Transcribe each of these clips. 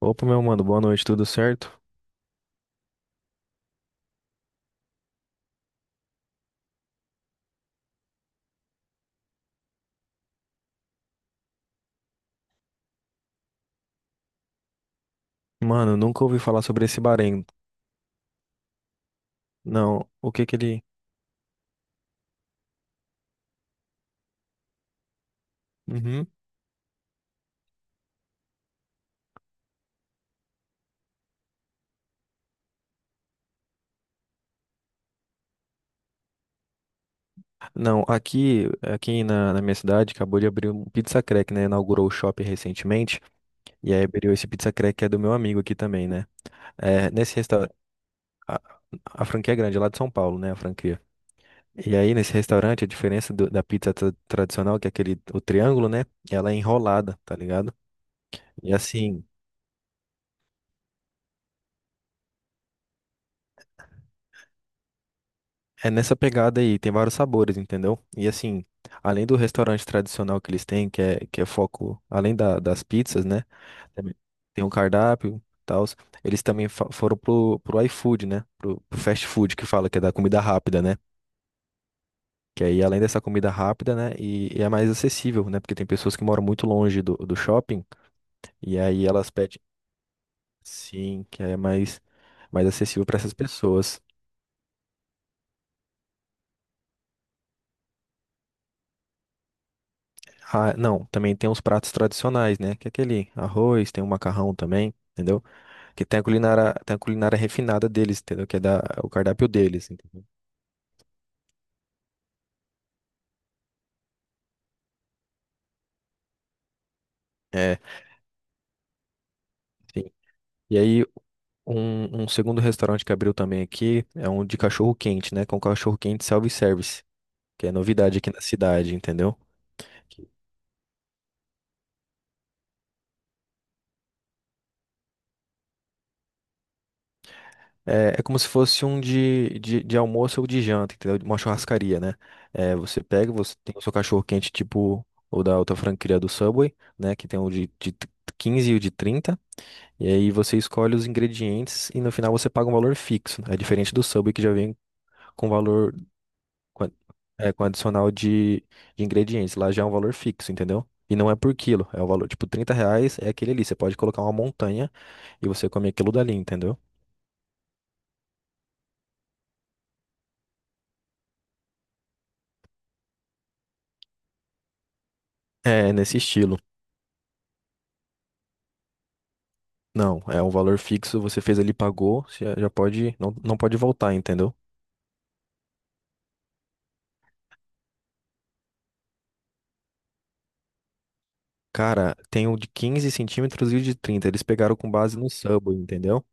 Opa, meu mano, boa noite, tudo certo? Mano, nunca ouvi falar sobre esse Bahrein. Não, o que que ele. Uhum. Não, aqui na minha cidade acabou de abrir um Pizza Crack, né? Inaugurou o shopping recentemente. E aí abriu esse Pizza Crack que é do meu amigo aqui também, né? É, nesse restaurante. A, a franquia é grande, lá de São Paulo, né? A franquia. E aí, nesse restaurante, a diferença da pizza tradicional, que é aquele, o triângulo, né? Ela é enrolada, tá ligado? E assim, é nessa pegada aí, tem vários sabores, entendeu? E assim, além do restaurante tradicional que eles têm, que é foco, além das pizzas, né? Também tem um cardápio e tal. Eles também foram pro iFood, né? Pro fast food que fala, que é da comida rápida, né? Que aí, além dessa comida rápida, né? E é mais acessível, né? Porque tem pessoas que moram muito longe do shopping, e aí elas pedem, sim, que é mais, mais acessível para essas pessoas. Ah, não, também tem os pratos tradicionais, né? Que é aquele arroz, tem o macarrão também, entendeu? Que tem a culinária refinada deles, entendeu? Que é da, o cardápio deles, entendeu? É, sim. E aí, um segundo restaurante que abriu também aqui é um de cachorro quente, né? Com cachorro quente self-service, que é novidade aqui na cidade, entendeu? É, é como se fosse um de almoço ou de janta, entendeu? Uma churrascaria, né? É, você pega, você tem o seu cachorro quente, tipo o da outra franquia do Subway, né? Que tem o de 15 e o de 30. E aí você escolhe os ingredientes e no final você paga um valor fixo, né? É diferente do Subway que já vem com valor com, é, com adicional de ingredientes. Lá já é um valor fixo, entendeu? E não é por quilo, é o valor, tipo, 30 reais é aquele ali. Você pode colocar uma montanha e você come aquilo dali, entendeu? É, é nesse estilo. Não, é um valor fixo, você fez ali, pagou, você já pode, não, não pode voltar, entendeu? Cara, tem o de 15 centímetros e o de 30. Eles pegaram com base no Subway, entendeu?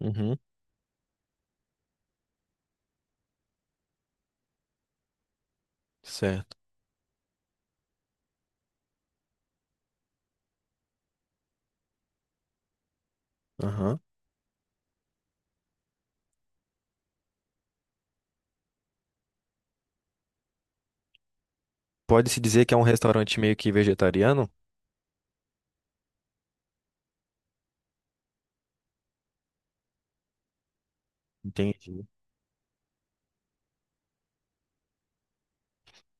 Uhum, certo. Aham. Pode-se dizer que é um restaurante meio que vegetariano? Entendi,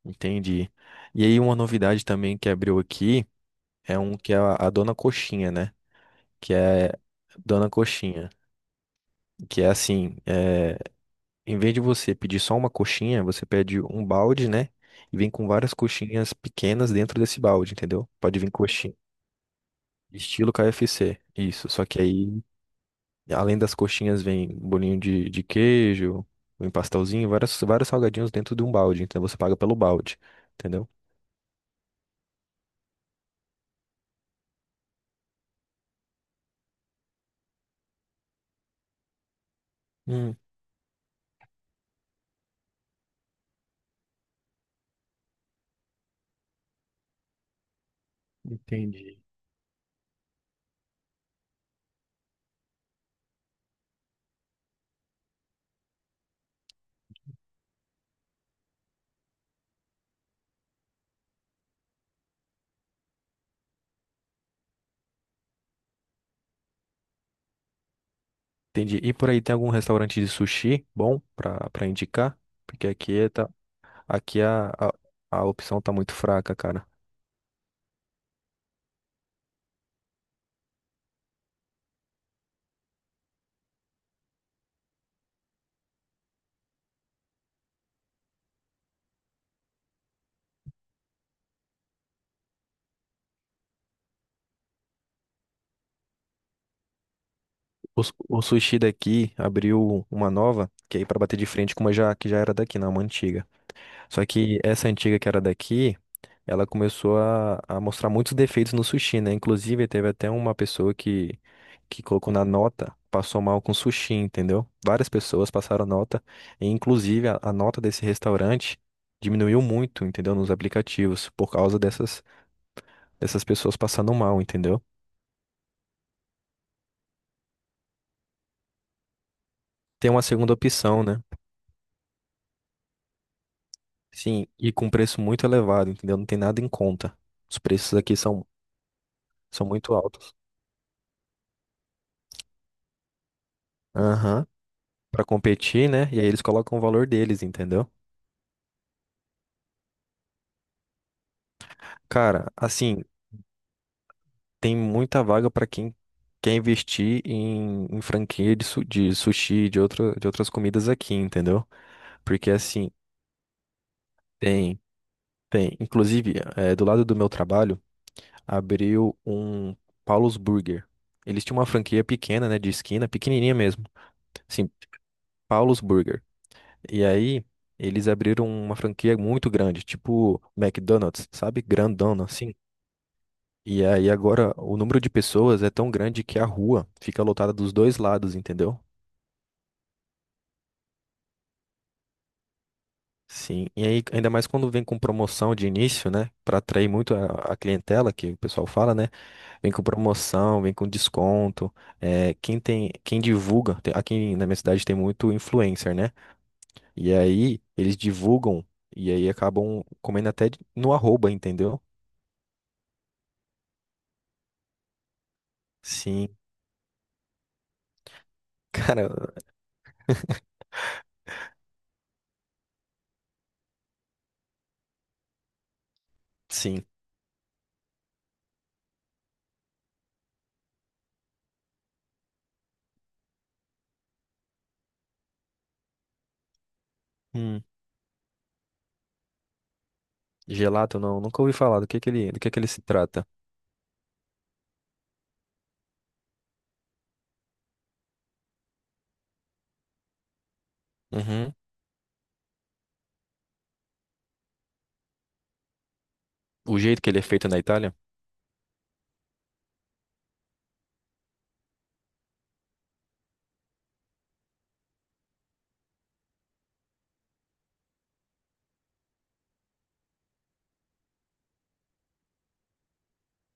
entendi. E aí uma novidade também que abriu aqui é um que é a Dona Coxinha, né? Que é Dona Coxinha, que é assim, é em vez de você pedir só uma coxinha, você pede um balde, né? E vem com várias coxinhas pequenas dentro desse balde, entendeu? Pode vir coxinha. Estilo KFC. Isso. Só que aí, além das coxinhas, vem bolinho de queijo, um pastelzinho, várias, vários salgadinhos dentro de um balde. Então você paga pelo balde, entendeu? Hum, entendi. Entendi. E por aí tem algum restaurante de sushi bom pra, pra indicar? Porque aqui, é tá, aqui a opção tá muito fraca, cara. O, o sushi daqui abriu uma nova, que é aí para bater de frente com uma já, que já era daqui, não, uma antiga. Só que essa antiga que era daqui, ela começou a mostrar muitos defeitos no sushi, né? Inclusive, teve até uma pessoa que colocou na nota, passou mal com sushi, entendeu? Várias pessoas passaram nota, e inclusive a nota desse restaurante diminuiu muito, entendeu? Nos aplicativos, por causa dessas, dessas pessoas passando mal, entendeu? Tem uma segunda opção, né? Sim, e com preço muito elevado, entendeu? Não tem nada em conta. Os preços aqui são, são muito altos. Aham. Pra competir, né? E aí eles colocam o valor deles, entendeu? Cara, assim, tem muita vaga pra quem quer investir em, em franquia de, de sushi, de outra, de outras comidas aqui, entendeu? Porque assim, tem, tem. Inclusive, do lado do meu trabalho, abriu um Paulo's Burger. Eles tinham uma franquia pequena, né, de esquina, pequenininha mesmo. Assim, Paulo's Burger. E aí, eles abriram uma franquia muito grande, tipo McDonald's, sabe? Grandona, assim. E aí agora o número de pessoas é tão grande que a rua fica lotada dos dois lados, entendeu? Sim. E aí, ainda mais quando vem com promoção de início, né? Pra atrair muito a clientela, que o pessoal fala, né? Vem com promoção, vem com desconto. É, quem tem, quem divulga, aqui na minha cidade tem muito influencer, né? E aí, eles divulgam e aí acabam comendo até no arroba, entendeu? Sim. Cara, sim. Hum, gelato não, nunca ouvi falar do que ele, do que ele se trata. Uhum. O jeito que ele é feito na Itália?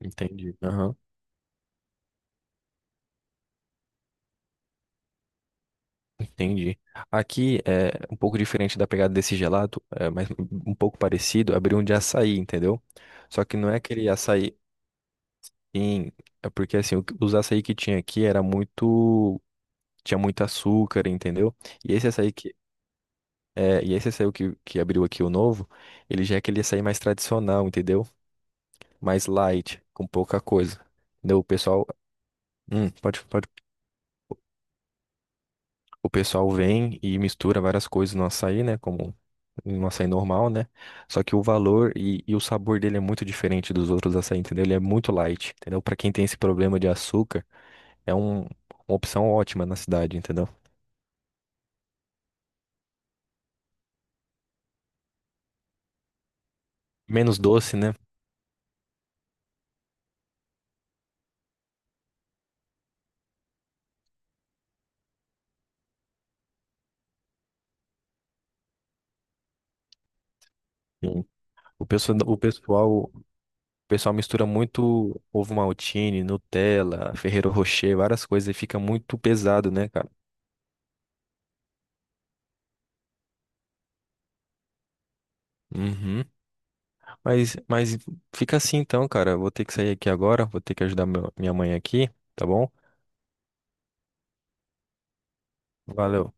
Entendi. Aham. Entendi. Aqui é um pouco diferente da pegada desse gelato, é, mas um pouco parecido, abrir um de açaí, entendeu? Só que não é aquele açaí em... É porque assim, os açaí que tinha aqui era muito... Tinha muito açúcar, entendeu? E esse açaí que... É, e esse açaí que abriu aqui o novo, ele já é aquele açaí mais tradicional, entendeu? Mais light, com pouca coisa. Entendeu? O pessoal, pode, pode. O pessoal vem e mistura várias coisas no açaí, né? Como no açaí normal, né? Só que o valor e o sabor dele é muito diferente dos outros açaí, entendeu? Ele é muito light, entendeu? Pra quem tem esse problema de açúcar, é um- uma opção ótima na cidade, entendeu? Menos doce, né? Sim. O pessoal, o pessoal, o pessoal mistura muito ovo maltine, Nutella, Ferrero Rocher, várias coisas e fica muito pesado, né, cara? Uhum. Mas fica assim então, cara. Eu vou ter que sair aqui agora, vou ter que ajudar minha mãe aqui, tá bom? Valeu.